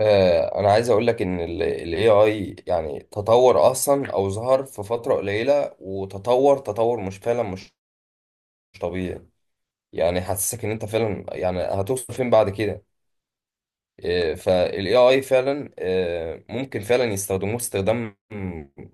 انا عايز اقول لك ان ال AI يعني تطور اصلا او ظهر في فترة قليلة وتطور تطور مش فعلا مش مش طبيعي. يعني حاسسك ان انت فعلا يعني هتوصل فين بعد كده. فالاي اي فعلا، ممكن فعلا يستخدموه استخدام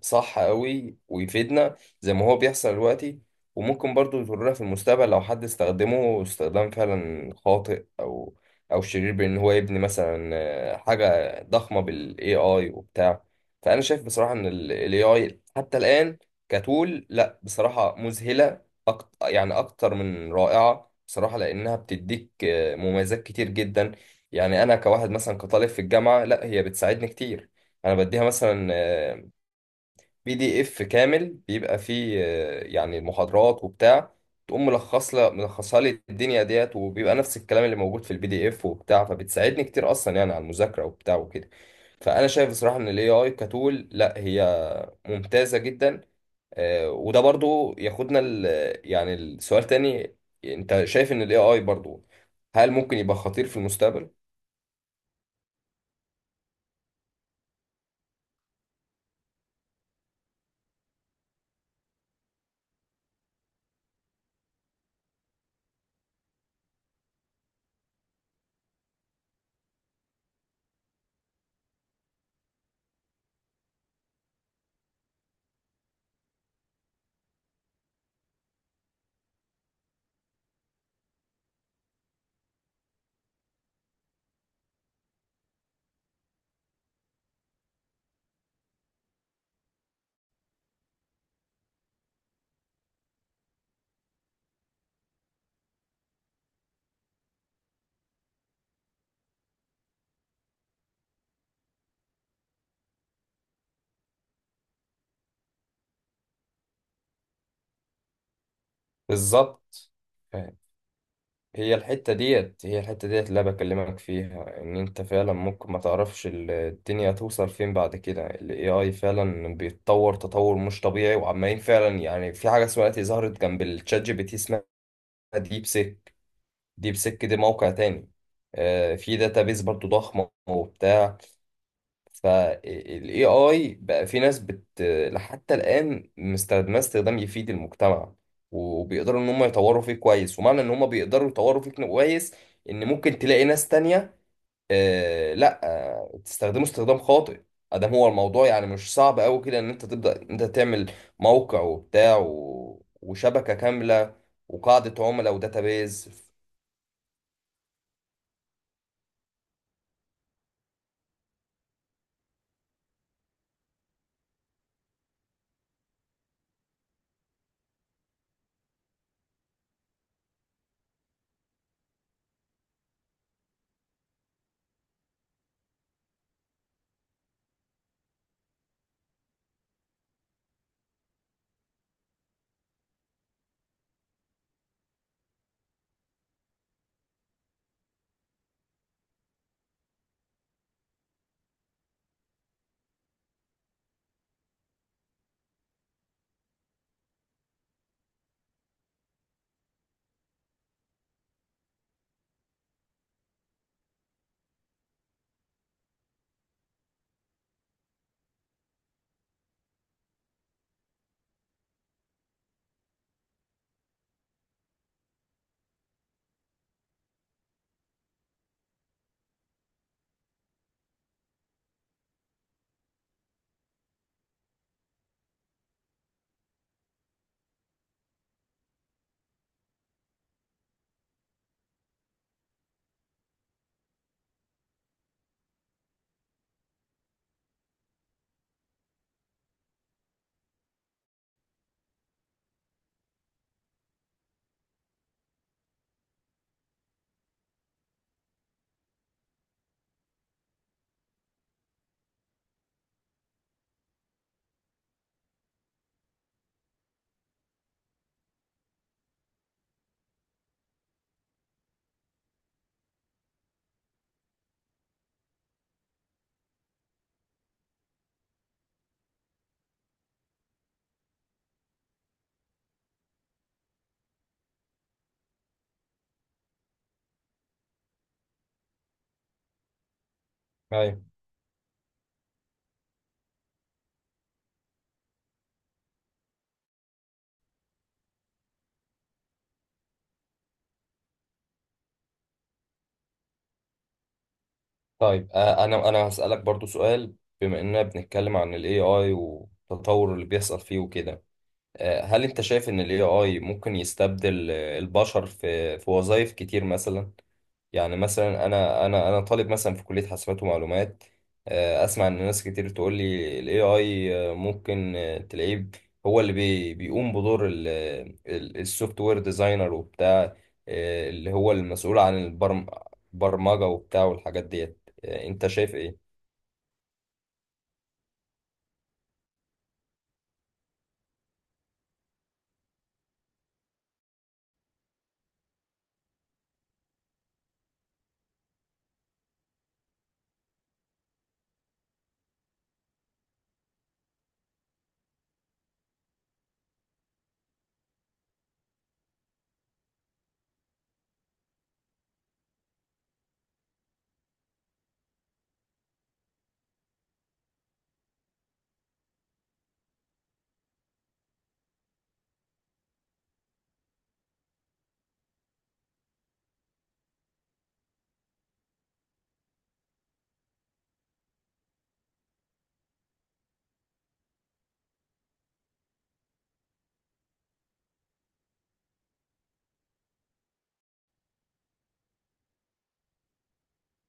صح قوي ويفيدنا زي ما هو بيحصل دلوقتي. وممكن برضو يضرنا في المستقبل لو حد استخدمه استخدام فعلا خاطئ او شرير، بان هو يبني مثلا حاجة ضخمة بالاي اي وبتاع. فانا شايف بصراحة ان الاي اي حتى الان كتول لا بصراحة مذهلة. أكتر يعني اكتر من رائعة بصراحة، لانها بتديك مميزات كتير جدا. يعني انا كواحد مثلا كطالب في الجامعه لا هي بتساعدني كتير. انا بديها مثلا بي دي اف كامل بيبقى فيه يعني محاضرات وبتاع، تقوم ملخصها لي الدنيا ديت، وبيبقى نفس الكلام اللي موجود في البي دي اف وبتاع، فبتساعدني كتير اصلا يعني على المذاكره وبتاع وكده. فانا شايف بصراحه ان الاي اي كتول لا هي ممتازه جدا. وده برضو ياخدنا يعني السؤال تاني، انت شايف ان الاي اي برضو هل ممكن يبقى خطير في المستقبل؟ بالظبط. فاهم. هي الحتة ديت اللي أنا بكلمك فيها، إن أنت فعلا ممكن ما تعرفش الدنيا توصل فين بعد كده. ال AI فعلا بيتطور تطور مش طبيعي، وعمالين فعلا يعني في حاجة اسمها دلوقتي ظهرت جنب الشات جي بي تي اسمها ديب سيك. ديب سيك دي موقع تاني، في داتابيز برضو ضخمة وبتاع. فالاي اي بقى في ناس حتى الان مستخدماه استخدام يفيد المجتمع، وبيقدروا ان هم يطوروا فيه كويس. ومعنى ان هم بيقدروا يطوروا فيه كويس ان ممكن تلاقي ناس تانية، لا، تستخدمه استخدام خاطئ. ادام هو الموضوع يعني مش صعب قوي كده ان انت تبدا انت تعمل موقع وبتاع، و... وشبكة كاملة، وقاعدة عملاء وداتابيز. طيب، انا هسألك برضو سؤال. بما اننا بنتكلم عن ال AI والتطور اللي بيحصل فيه وكده، هل انت شايف ان ال AI ممكن يستبدل البشر في وظائف كتير مثلا؟ يعني مثلا انا طالب مثلا في كليه حاسبات ومعلومات. اسمع ان ناس كتير تقول لي الاي اي ممكن، تلاقيه هو اللي بيقوم بدور السوفت وير ديزاينر وبتاع، اللي هو المسؤول عن البرمجه وبتاع والحاجات ديت. انت شايف ايه؟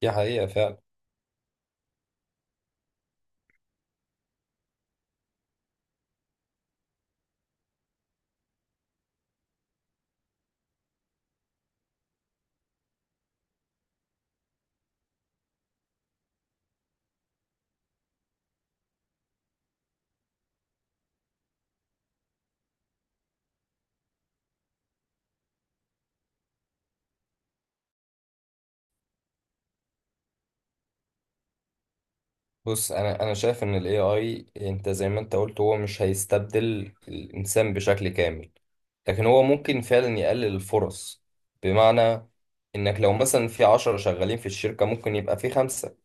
دي حقيقه فعلا. بص، انا شايف ان الاي اي، انت زي ما انت قلت، هو مش هيستبدل الانسان بشكل كامل، لكن هو ممكن فعلا يقلل الفرص. بمعنى انك لو مثلا في 10 شغالين في الشركة ممكن يبقى في 5.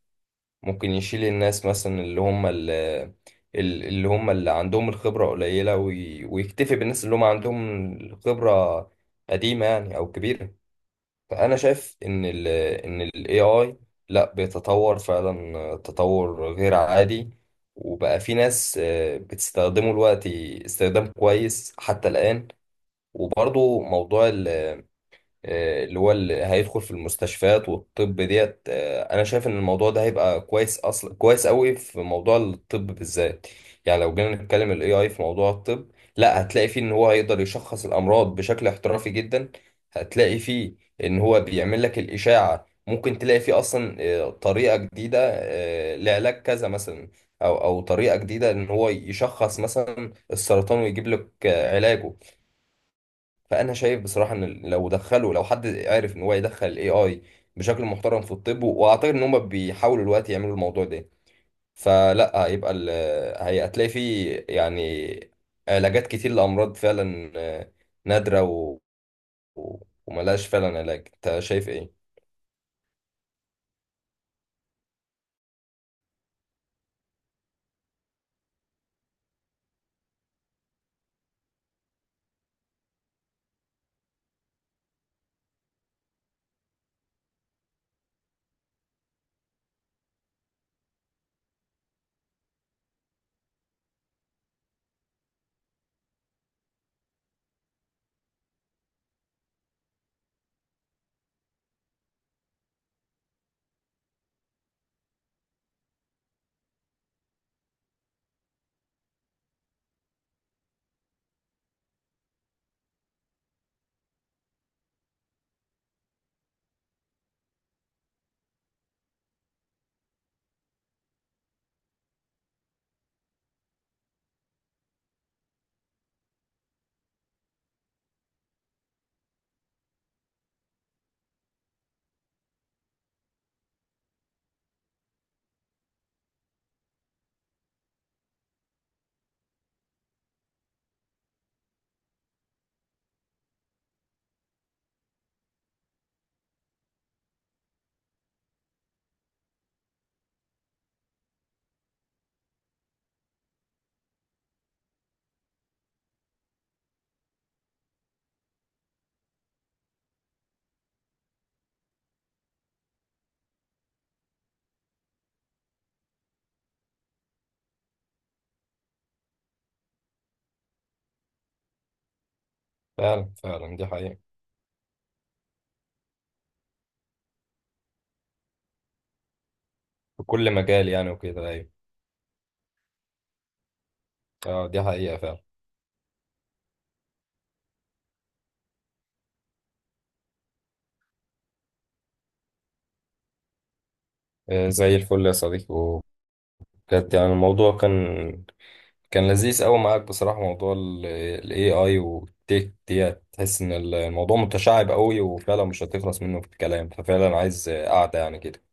ممكن يشيل الناس مثلا اللي هم اللي هم اللي عندهم الخبرة قليلة، وي- ويكتفي بالناس اللي هم عندهم الخبرة قديمة يعني او كبيرة. فانا شايف ان ال AI لا بيتطور فعلا تطور غير عادي، وبقى في ناس بتستخدمه دلوقتي استخدام كويس حتى الآن. وبرضو موضوع اللي هو اللي هيدخل في المستشفيات والطب ديت. انا شايف ان الموضوع ده هيبقى كويس اصلا، كويس قوي في موضوع الطب بالذات. يعني لو جينا نتكلم الاي اي في موضوع الطب، لا هتلاقي فيه ان هو هيقدر يشخص الامراض بشكل احترافي جدا. هتلاقي فيه ان هو بيعمل لك الاشاعة، ممكن تلاقي فيه اصلا طريقة جديدة لعلاج كذا مثلا، او طريقة جديدة ان هو يشخص مثلا السرطان ويجيب لك علاجه. فانا شايف بصراحه ان لو حد عرف ان هو يدخل الاي اي بشكل محترم في الطب، واعتقد ان هم بيحاولوا دلوقتي يعملوا الموضوع ده. فلا هيبقى ال- هي- هتلاقي فيه يعني علاجات كتير لامراض فعلا نادره و... و- وملهاش فعلا علاج. انت شايف ايه؟ فعلا فعلا دي حقيقة. في كل مجال يعني وكده، ايوه. اه دي حقيقة فعلا. زي الفل يا صديقي. وبجد يعني الموضوع كان لذيذ قوي معاك بصراحة. موضوع ال AI والتك دي تحس ان الموضوع متشعب قوي، وفعلا مش هتخلص منه في الكلام. ففعلا عايز قعدة يعني كده